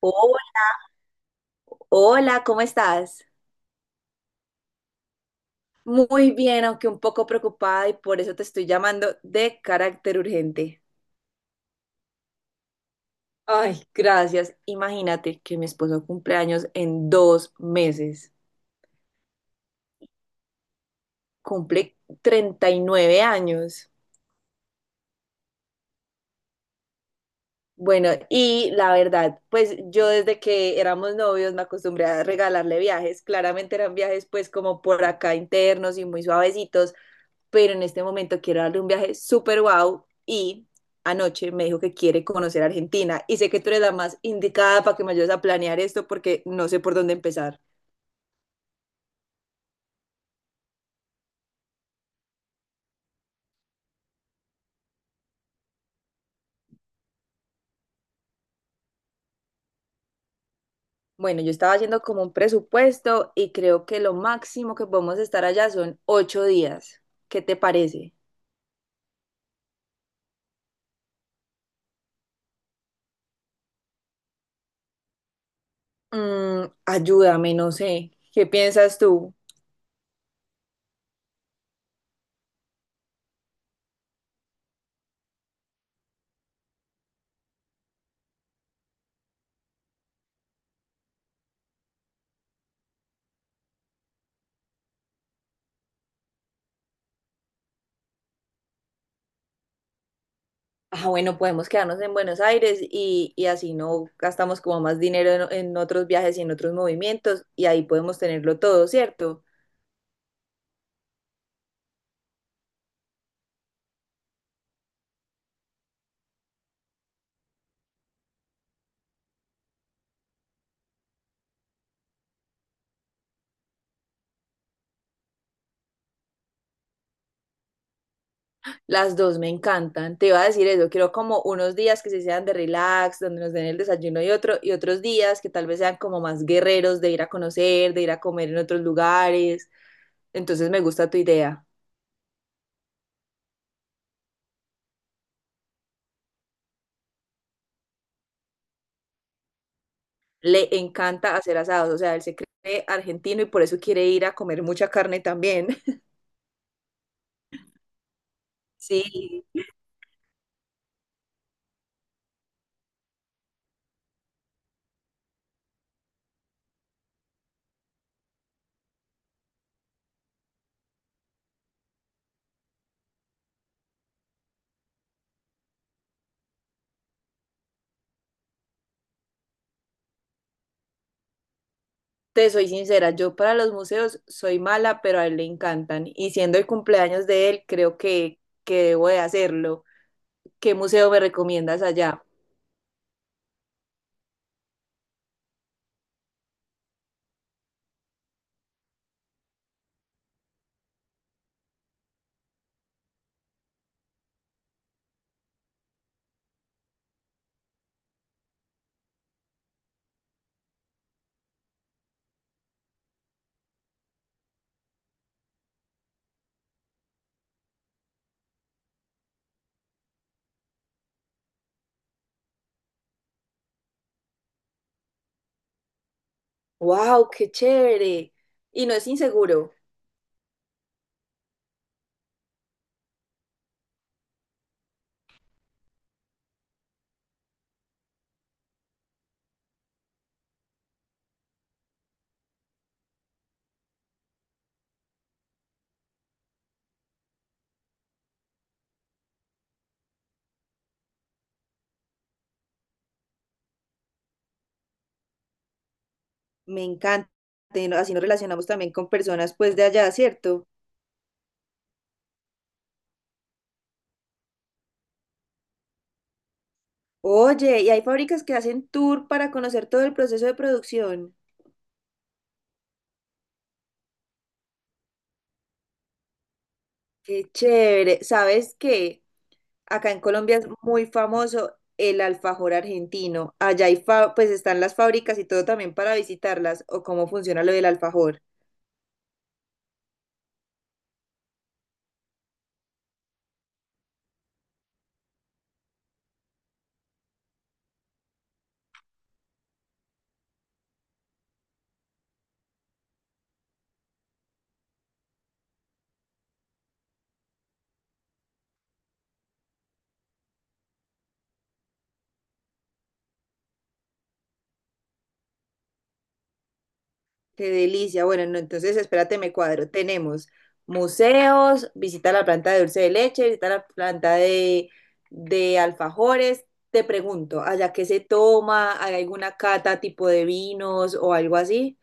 Hola, hola, ¿cómo estás? Muy bien, aunque un poco preocupada y por eso te estoy llamando de carácter urgente. Ay, gracias. Imagínate que mi esposo cumple años en 2 meses. Cumple 39 años. Bueno, y la verdad, pues yo desde que éramos novios me acostumbré a regalarle viajes. Claramente eran viajes pues como por acá internos y muy suavecitos, pero en este momento quiero darle un viaje súper wow y anoche me dijo que quiere conocer Argentina y sé que tú eres la más indicada para que me ayudes a planear esto porque no sé por dónde empezar. Bueno, yo estaba haciendo como un presupuesto y creo que lo máximo que podemos estar allá son 8 días. ¿Qué te parece? Mm, ayúdame, no sé. ¿Qué piensas tú? Ah, bueno, podemos quedarnos en Buenos Aires y así no gastamos como más dinero en otros viajes y en otros movimientos y ahí podemos tenerlo todo, ¿cierto? Las dos me encantan. Te iba a decir eso. Quiero como unos días que se sean de relax, donde nos den el desayuno y y otros días que tal vez sean como más guerreros de ir a conocer, de ir a comer en otros lugares. Entonces me gusta tu idea. Le encanta hacer asados. O sea, él se cree argentino y por eso quiere ir a comer mucha carne también. Sí, te soy sincera. Yo para los museos soy mala, pero a él le encantan. Y siendo el cumpleaños de él, creo que debo de hacerlo. ¿Qué museo me recomiendas allá? Wow, qué chévere. Y no es inseguro. Me encanta. Así nos relacionamos también con personas pues de allá, ¿cierto? Oye, y hay fábricas que hacen tour para conocer todo el proceso de producción. Qué chévere. ¿Sabes qué? Acá en Colombia es muy famoso el alfajor argentino. Allá pues están las fábricas y todo también para visitarlas o cómo funciona lo del alfajor. Qué delicia. Bueno, no, entonces espérate, me cuadro. Tenemos museos, visita la planta de dulce de leche, visita la planta de alfajores. Te pregunto, ¿allá qué se toma? ¿Hay alguna cata tipo de vinos o algo así?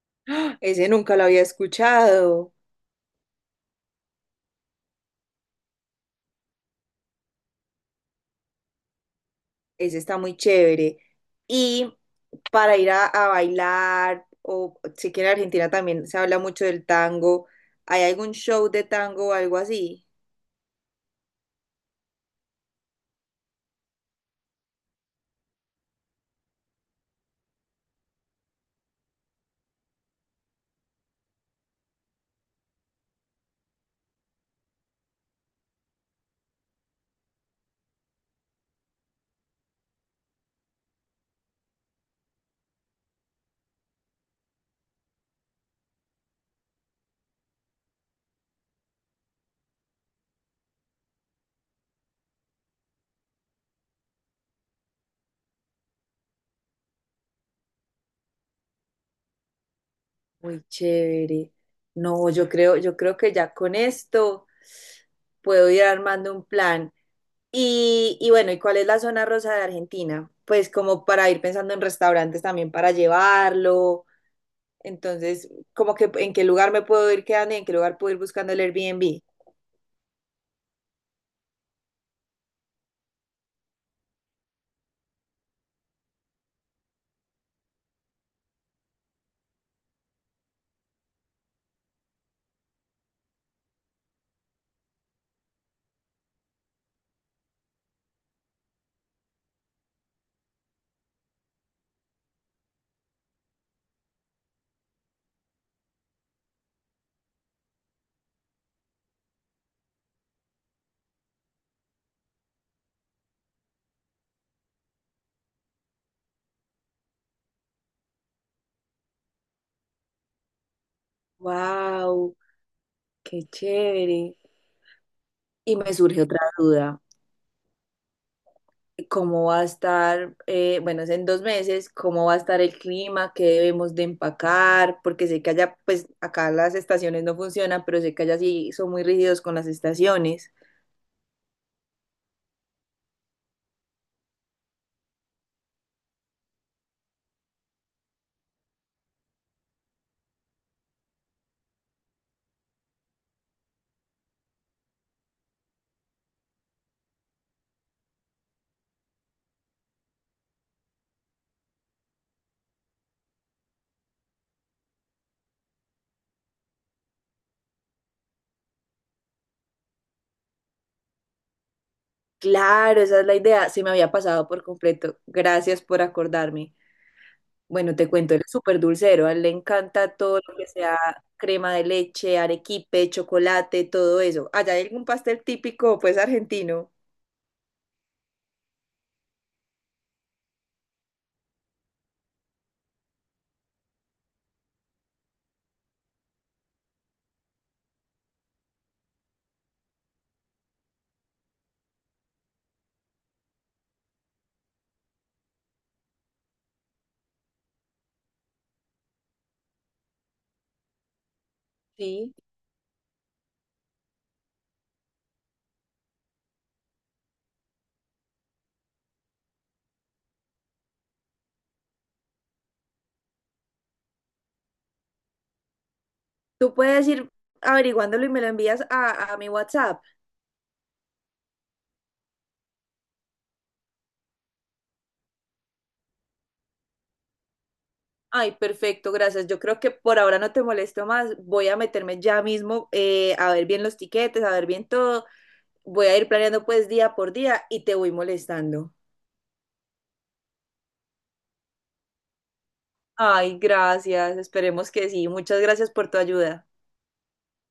¡Ah! Ese nunca lo había escuchado. Ese está muy chévere. Y para ir a bailar, o si que en Argentina también se habla mucho del tango, ¿hay algún show de tango o algo así? Muy chévere. No, yo creo que ya con esto puedo ir armando un plan. Y bueno, ¿y cuál es la zona rosa de Argentina? Pues como para ir pensando en restaurantes también para llevarlo. Entonces, como que en qué lugar me puedo ir quedando y en qué lugar puedo ir buscando el Airbnb. Wow, qué chévere. Y me surge otra duda. Cómo va a estar, bueno, es en 2 meses, cómo va a estar el clima, qué debemos de empacar, porque sé que allá, pues acá las estaciones no funcionan, pero sé que allá sí son muy rígidos con las estaciones. Claro, esa es la idea, se me había pasado por completo. Gracias por acordarme. Bueno, te cuento, él es súper dulcero, a él le encanta todo lo que sea crema de leche, arequipe, chocolate, todo eso. Allá hay algún pastel típico, pues argentino. Sí. Tú puedes ir averiguándolo y me lo envías a mi WhatsApp. Ay, perfecto, gracias. Yo creo que por ahora no te molesto más. Voy a meterme ya mismo a ver bien los tiquetes, a ver bien todo. Voy a ir planeando pues día por día y te voy molestando. Ay, gracias. Esperemos que sí. Muchas gracias por tu ayuda.